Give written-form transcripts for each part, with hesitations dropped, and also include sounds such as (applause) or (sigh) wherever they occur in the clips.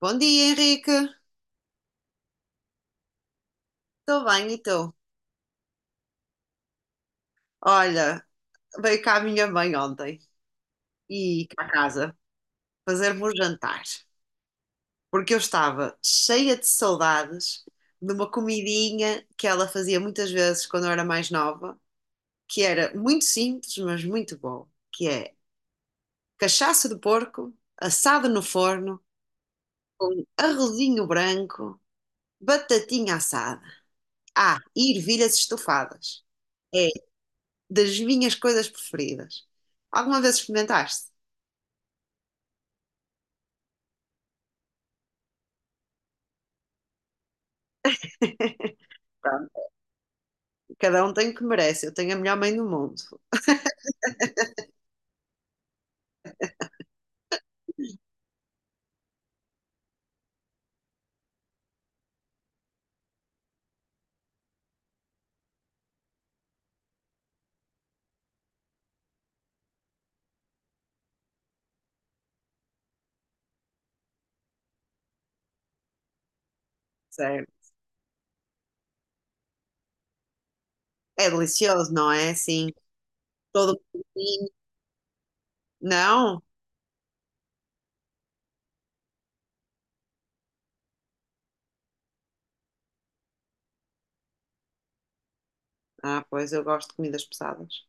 Bom dia, Henrique. Estou bem, e tu? Olha, veio cá a minha mãe ontem e cá a casa fazer-me um jantar, porque eu estava cheia de saudades de uma comidinha que ela fazia muitas vezes quando eu era mais nova, que era muito simples, mas muito boa, que é cachaça de porco assado no forno com arrozinho branco, batatinha assada. Ah, e ervilhas estufadas. É das minhas coisas preferidas. Alguma vez experimentaste? Pronto, cada um tem o que merece. Eu tenho a melhor mãe do mundo. Sério. É delicioso, não é? Assim, todo pequenininho. Não? Ah, pois eu gosto de comidas pesadas.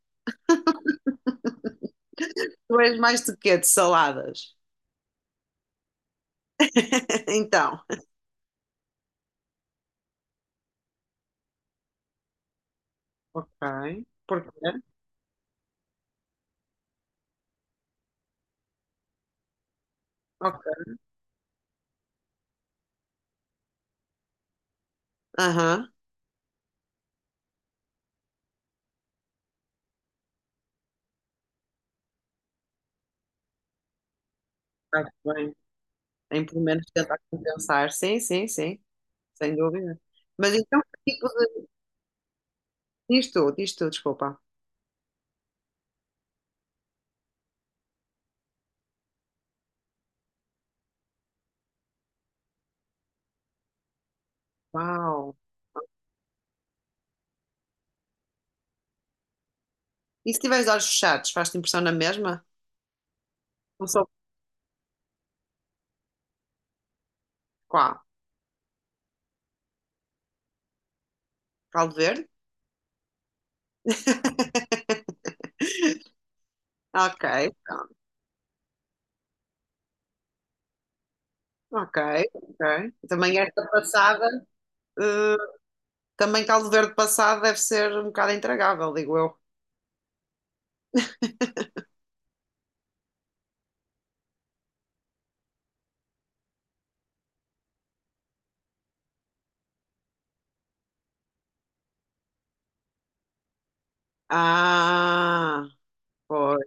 Tu és mais de quê? De saladas? (laughs) Então. Ok. Porquê? Ok. Aham. Está bem. Em pelo menos tentar compensar. Sim, sim, sim. Sem dúvida. Mas então, que tipo de... Diz tu, desculpa. Uau. E se tiveres olhos fechados, faz-te impressão na mesma? Não sou qual? Caldo verde? (laughs) Ok, pronto. Ok, ok. Também esta passada, eh, também caldo verde passado deve ser um bocado intragável, digo eu. Ah, pois.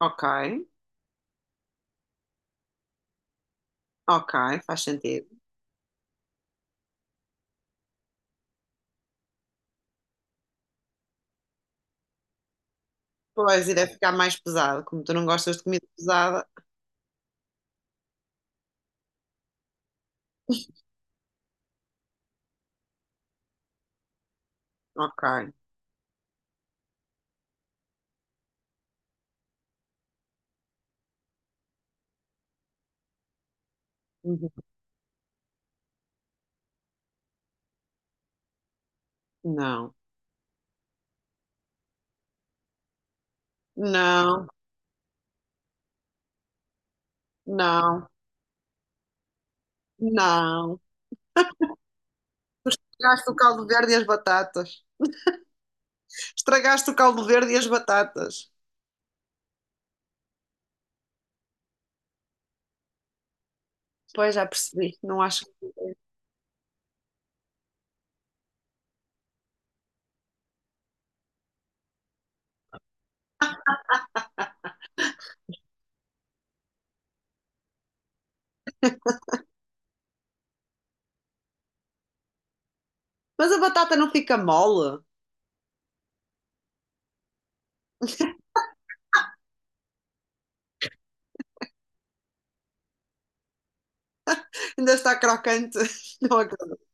Ok, ok, faz sentido. Pois, irá ficar mais pesado. Como tu não gostas de comida pesada, ok. Uhum. Não, não, não, não. Tu estragaste o caldo verde e as batatas. Estragaste o caldo verde e as batatas. Pois, já percebi, não acho. Mas a batata não fica mole. Ainda está crocante. (laughs) Não acredito.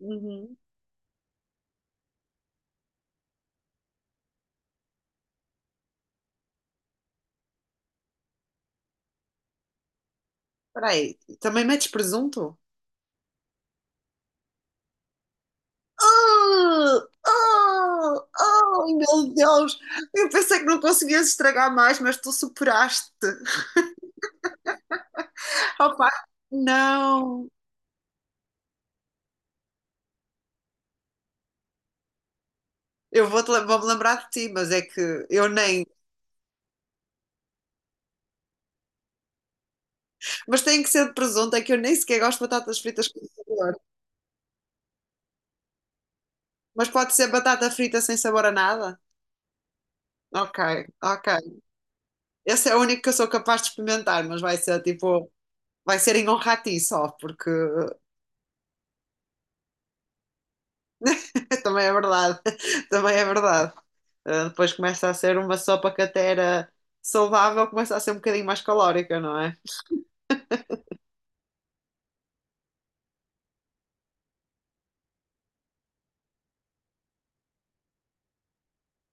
Uhum. Espera aí, também metes presunto? Oh, oh, oh, meu Deus! Eu pensei que não conseguias estragar mais, mas tu superaste. Opa, não! Vou-me lembrar de ti, mas é que eu nem. Mas tem que ser de presunto, é que eu nem sequer gosto de batatas fritas com sabor. Mas pode ser batata frita sem sabor a nada? Ok, ok. Esse é o único que eu sou capaz de experimentar, mas vai ser tipo. Vai ser em honra a ti só, porque (laughs) também é verdade. (laughs) Também é verdade. Ah, depois começa a ser uma sopa que até era saudável, começa a ser um bocadinho mais calórica, não é?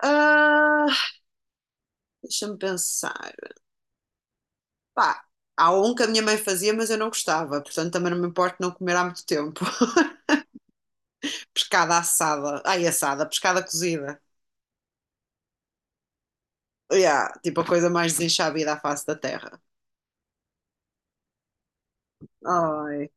Ah, deixa-me pensar. Pá, há um que a minha mãe fazia, mas eu não gostava, portanto também não me importo não comer há muito tempo. (laughs) Pescada assada. Ai, assada, pescada cozida. Yeah, tipo a coisa mais desenxabida à face da terra. Ai,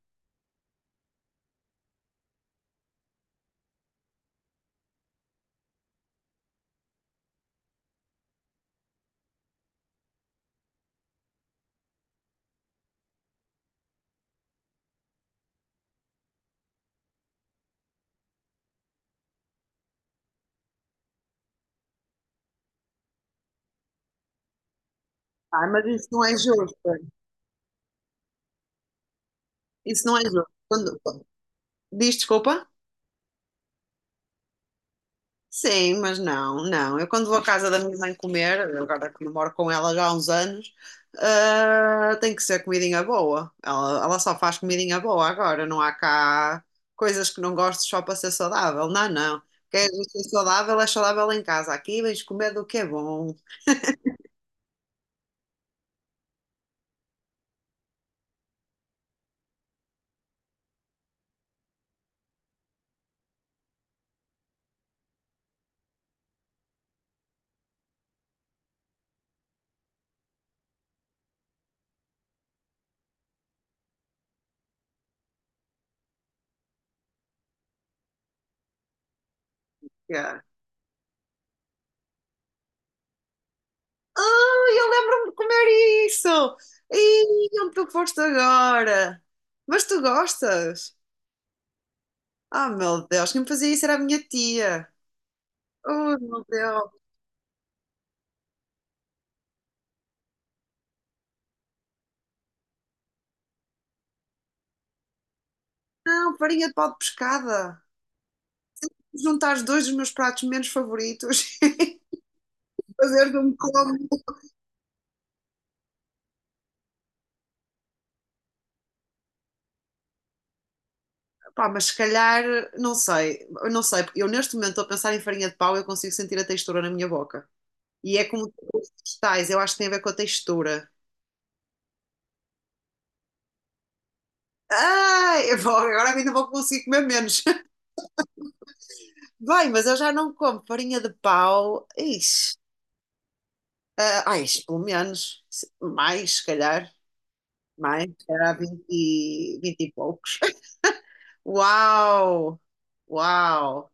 ai, mas isso não é justo. Isso não é justo. Quando... Diz desculpa? Sim, mas não, não. Eu quando vou à casa da minha mãe comer, agora que eu moro com ela já há uns anos, ah, tem que ser comidinha boa. Ela só faz comidinha boa agora, não há cá coisas que não gosto só para ser saudável. Não, não. Queres ser saudável, é saudável em casa. Aqui vens comer do que é bom. Yeah. Ah, eu lembro-me de comer isso! E onde tu foste agora? Mas tu gostas? Ah, meu Deus, quem me fazia isso era a minha tia. Oh, meu Deus. Não, farinha de pau de pescada. Juntar os dois dos meus pratos menos favoritos (laughs) fazer de um como. Pá, mas se calhar, não sei, eu não sei, porque eu neste momento estou a pensar em farinha de pau e eu consigo sentir a textura na minha boca. E é como tu com os vegetais, eu acho que tem a ver com a textura. Ai, agora ainda vou conseguir comer menos. (laughs) Bem, mas eu já não como farinha de pau. Ixi, ah, ai, pelo menos, mais, se calhar há 20 e poucos. Uau! Uau!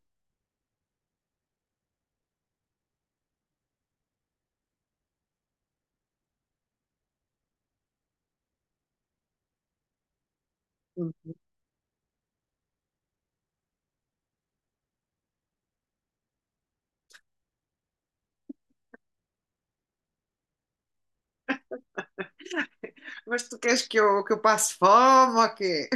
Mas tu queres que eu passe fome ou quê?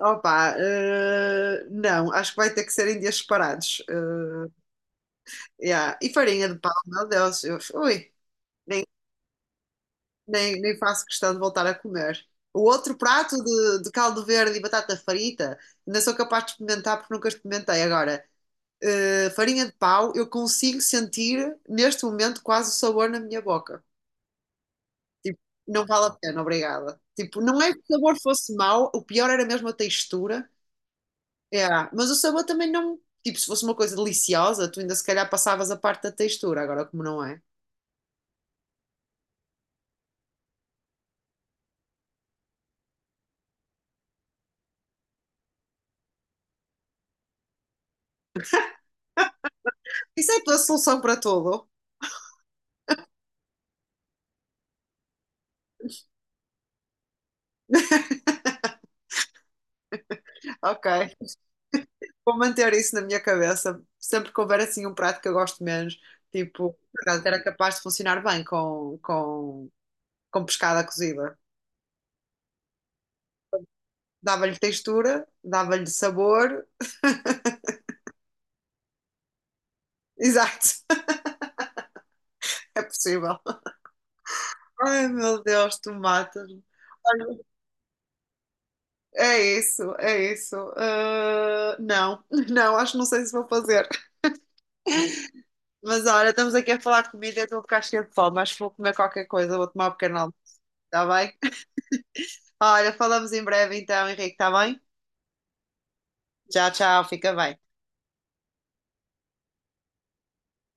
Opa, não, acho que vai ter que ser em dias separados. Yeah. E farinha de pau, meu Deus, eu, ui, nem, nem faço questão de voltar a comer. O outro prato de caldo verde e batata frita, ainda sou capaz de experimentar porque nunca experimentei. Agora, farinha de pau, eu consigo sentir neste momento quase o sabor na minha boca. Tipo, não vale a pena, obrigada. Tipo, não é que o sabor fosse mau, o pior era mesmo a textura. É, mas o sabor também não. Tipo, se fosse uma coisa deliciosa, tu ainda se calhar passavas a parte da textura, agora como não é. Isso é a tua solução para tudo. Ok. Vou manter isso na minha cabeça. Sempre que houver assim um prato que eu gosto menos, tipo, por acaso era capaz de funcionar bem com pescada cozida. Dava-lhe textura, dava-lhe sabor. Exato. (laughs) É possível. Ai, meu Deus, tu matas-me. Olha, é isso, é isso. Ah, não, (laughs) não, acho que não sei se vou fazer. Mas olha, estamos aqui a falar de comida e eu estou a ficar cheia de fome. Acho que vou comer qualquer coisa, vou tomar um pequeno almoço, está bem? Olha, falamos em breve então, Henrique, está bem? Tchau, tchau, fica bem.